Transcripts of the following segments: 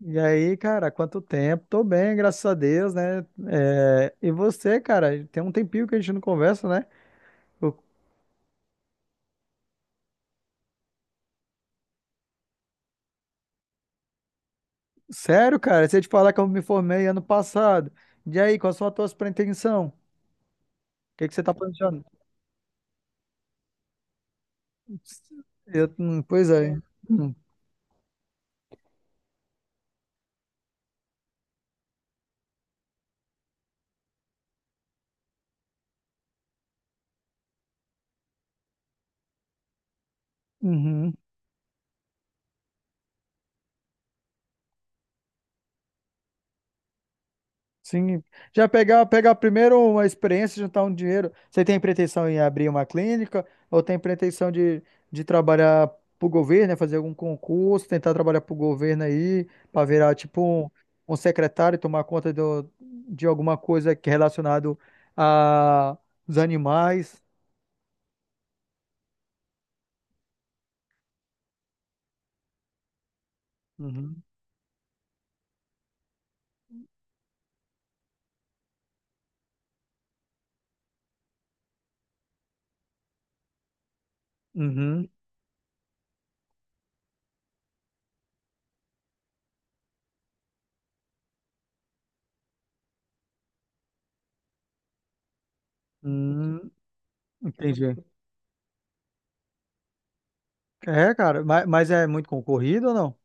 E aí, cara, quanto tempo? Tô bem, graças a Deus, né? É, e você, cara, tem um tempinho que a gente não conversa, né? Eu- Sério, cara, se eu te falar que eu me formei ano passado. E aí, quais são as tuas pretensões? O que que você tá planejando? Pois é. Hum, uhum. Sim, já pegar primeiro uma experiência, juntar um dinheiro. Você tem pretensão em abrir uma clínica ou tem pretensão de trabalhar para o governo, né, fazer algum concurso, tentar trabalhar para o governo aí, para virar tipo um secretário, tomar conta de alguma coisa que é relacionado a os animais? Uhum, uhum, hum, entendi. É, cara, mas é muito concorrido ou não?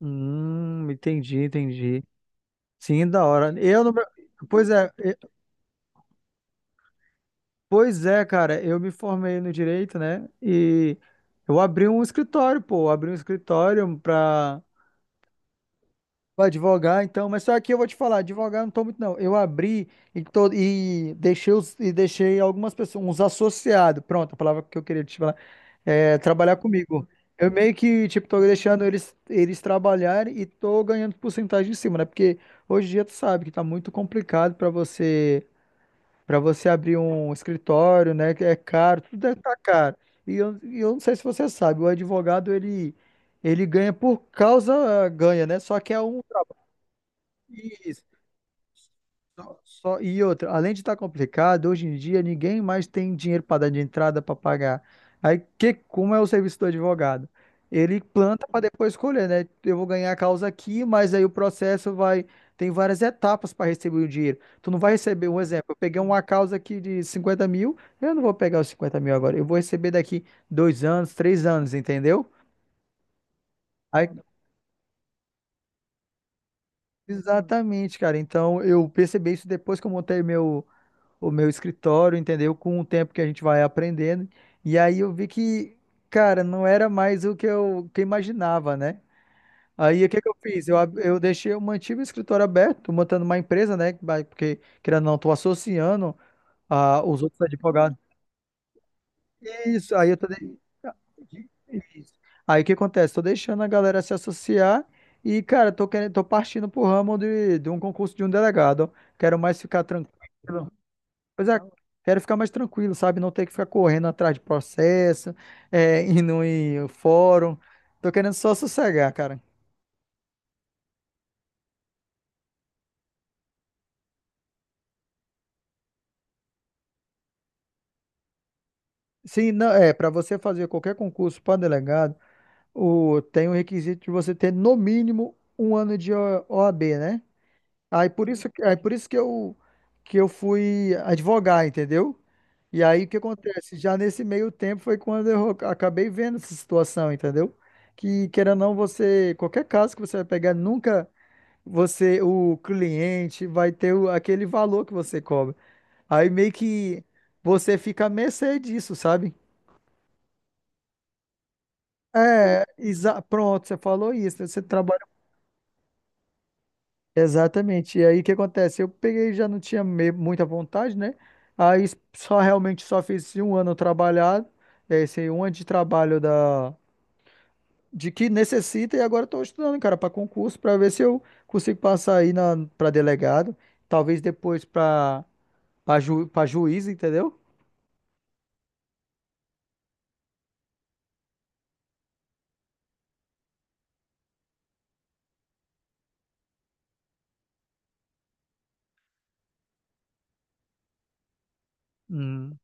Entendi, entendi. Sim, da hora. Eu no Pois é, e- pois é, cara, eu me formei no direito, né? E eu abri um escritório, pô, eu abri um escritório pra advogar, então, mas só que eu vou te falar, advogar eu não tô muito não. Eu abri e deixei algumas pessoas, uns associados, pronto, a palavra que eu queria te falar, é, trabalhar comigo. Eu meio que, tipo, tô deixando eles trabalharem e tô ganhando porcentagem em cima, né? Porque hoje em dia tu sabe que tá muito complicado pra você Para você abrir um escritório, né? Que é caro, tudo é tá caro. E eu não sei se você sabe, o advogado ele ganha por causa ganha, né? Só que é um, isso, só, e outra, além de estar complicado, hoje em dia ninguém mais tem dinheiro para dar de entrada para pagar. Aí que como é o serviço do advogado? Ele planta para depois escolher, né? Eu vou ganhar a causa aqui, mas aí o processo vai tem várias etapas para receber o dinheiro. Tu não vai receber, um exemplo, eu peguei uma causa aqui de 50 mil, eu não vou pegar os 50 mil agora, eu vou receber daqui 2 anos, 3 anos, entendeu? Aí, exatamente, cara. Então eu percebi isso depois que eu montei meu o meu escritório, entendeu? Com o tempo que a gente vai aprendendo. E aí eu vi que, cara, não era mais o que eu imaginava, né? Aí o que que eu fiz? Eu deixei, eu mantive o escritório aberto, tô montando uma empresa, né? Porque, querendo ou não, tô associando os outros advogados. Isso, aí eu tô. De- isso. Aí o que acontece? Tô deixando a galera se associar e, cara, tô querendo, tô partindo pro ramo de um concurso de um delegado, ó. Quero mais ficar tranquilo. Pois é, quero ficar mais tranquilo, sabe? Não ter que ficar correndo atrás de processo, é, indo em fórum. Tô querendo só sossegar, cara. Sim, não, é, para você fazer qualquer concurso para delegado, tem o requisito de você ter no mínimo um ano de OAB, né? Aí por isso que eu fui advogar, entendeu? E aí o que acontece? Já nesse meio tempo foi quando eu acabei vendo essa situação, entendeu? Que querendo ou não, você, qualquer caso que você vai pegar, nunca. Você, o cliente vai ter aquele valor que você cobra. Aí meio que você fica à mercê disso, sabe? É, pronto, você falou isso, né? Você trabalha. Exatamente. E aí o que acontece? Eu peguei, já não tinha muita vontade, né? Aí só realmente só fiz esse um ano trabalhado, é, esse um ano de trabalho da de que necessita e agora estou estudando, cara, para concurso, para ver se eu consigo passar aí na para delegado, talvez depois para para ju, pra juiz, entendeu? Hum.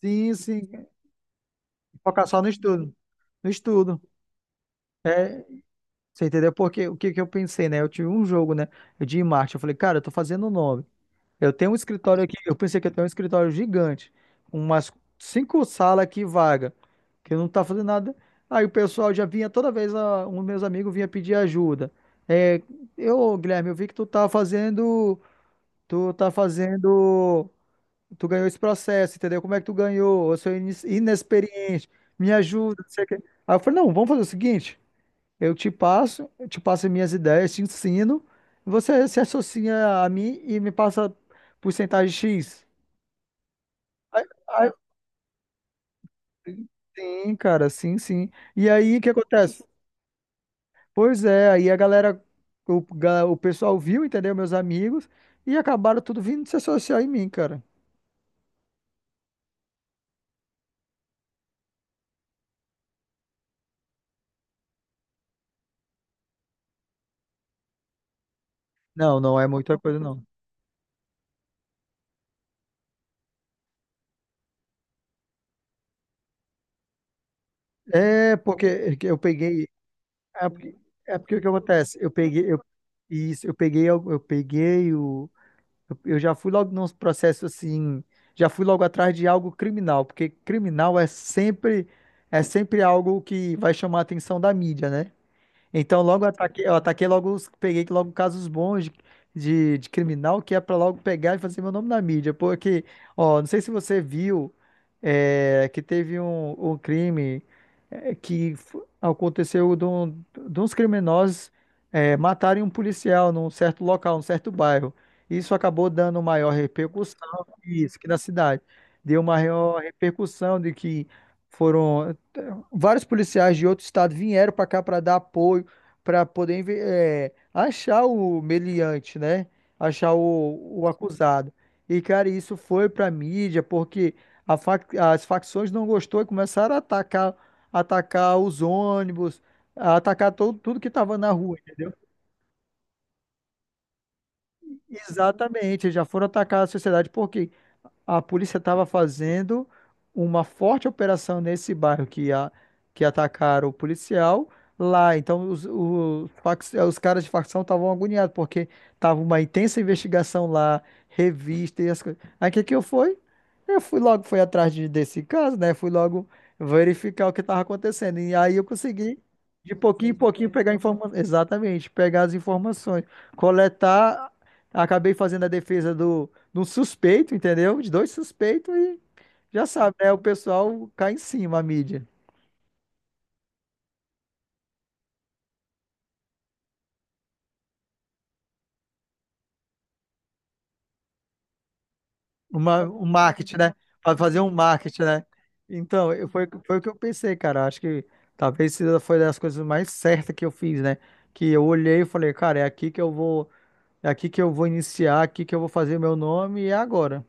Sim, sim. Focar só no estudo. No estudo. É, você entendeu? Porque o que que eu pensei, né? Eu tive um jogo, né? De marketing. Eu falei, cara, eu tô fazendo o nome. Eu tenho um escritório aqui. Eu pensei que eu tenho um escritório gigante. Umas cinco salas aqui vaga. Que eu não tá fazendo nada. Aí o pessoal já vinha toda vez, um meus amigos vinha pedir ajuda. É, eu, Guilherme, eu vi que tu tá fazendo. Tu tá fazendo. Tu ganhou esse processo, entendeu? Como é que tu ganhou? Eu sou inexperiente, me ajuda, não sei o quê. Aí eu falei, não, vamos fazer o seguinte, eu te passo minhas ideias, te ensino, você se associa a mim e me passa porcentagem X. Aí- aí- Sim, cara, sim, sim. E aí, o que acontece? Pois é, aí a galera, o pessoal viu, entendeu? Meus amigos, e acabaram tudo vindo se associar em mim, cara. Não, não é muita coisa, não. É, porque eu peguei, É porque, é porque o que acontece? Eu peguei, eu, isso, eu peguei, al- eu peguei o. Eu já fui logo nos processos assim. Já fui logo atrás de algo criminal, porque criminal é sempre algo que vai chamar a atenção da mídia, né? Então logo eu ataquei logo, peguei logo casos bons de criminal que é pra logo pegar e fazer meu nome na mídia. Porque, ó, não sei se você viu que teve um crime que aconteceu de uns criminosos matarem um policial num certo local, num certo bairro. Isso acabou dando maior repercussão, isso, que na cidade. Deu maior repercussão de que foram vários policiais de outro estado vieram para cá para dar apoio para poder achar o meliante, né? Achar o acusado. E, cara, isso foi para mídia porque as facções não gostou e começaram a atacar, atacar os ônibus, a atacar tudo que estava na rua, entendeu? Exatamente, já foram atacar a sociedade. Por quê? A polícia estava fazendo uma forte operação nesse bairro que, que atacaram o policial lá. Então, os caras de facção estavam agoniados, porque tava uma intensa investigação lá, revista e as coisas. Aí, o que que eu fui? Eu fui logo, fui atrás desse caso, né? Fui logo verificar o que estava acontecendo. E aí eu consegui, de pouquinho em pouquinho, pegar informações. Exatamente, pegar as informações, coletar. Acabei fazendo a defesa do de um suspeito, entendeu? De dois suspeitos e já sabe, né? O pessoal cai em cima, a mídia. Um marketing, né? Para fazer um marketing, né? Então, foi o que eu pensei, cara. Acho que talvez foi das coisas mais certas que eu fiz, né? Que eu olhei e falei, cara, é aqui que eu vou, é aqui que eu vou iniciar, é aqui que eu vou fazer meu nome e é agora.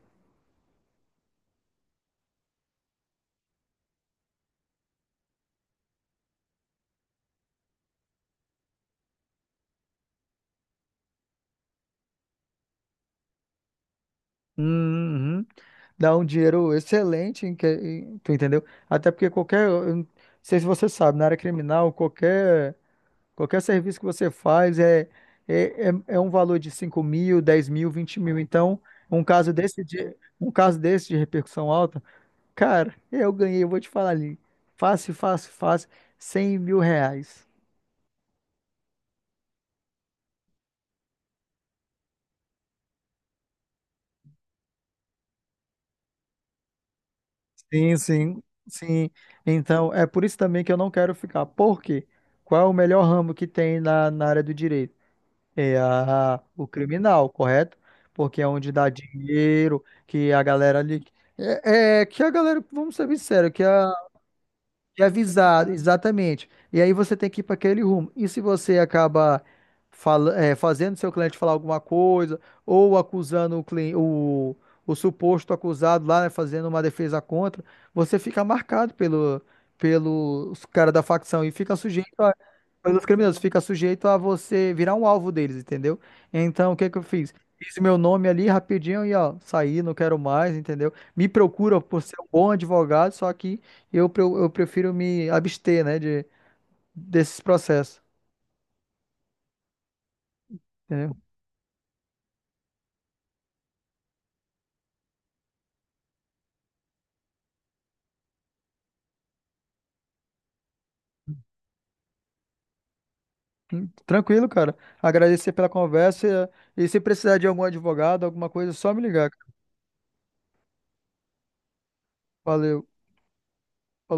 Uhum. Dá um dinheiro excelente, tu entendeu? Até porque qualquer, eu não sei se você sabe, na área criminal, qualquer serviço que você faz é um valor de 5 mil, 10 mil, 20 mil. Então, um caso desse um caso desse de repercussão alta, cara, eu ganhei, eu vou te falar ali, fácil, fácil, fácil, R$ 100 mil. Sim, sim, sim. Então, é por isso também que eu não quero ficar. Por quê? Qual é o melhor ramo que tem na área do direito? É o criminal, correto? Porque é onde dá dinheiro, que a galera ali. É que a galera, vamos ser sinceros, que a e avisado, exatamente. E aí você tem que ir para aquele rumo. E se você acaba fala, é, fazendo seu cliente falar alguma coisa, ou acusando o suposto acusado lá, né, fazendo uma defesa contra, você fica marcado pelos caras da facção e fica sujeito pelos criminosos, fica sujeito a você virar um alvo deles, entendeu? Então, o que que eu fiz? Fiz meu nome ali rapidinho e ó, saí, não quero mais, entendeu? Me procura por ser um bom advogado, só que eu prefiro me abster, né, desses processos. Entendeu? Hum. Tranquilo, cara. Agradecer pela conversa e se precisar de algum advogado, alguma coisa, é só me ligar, cara. Valeu.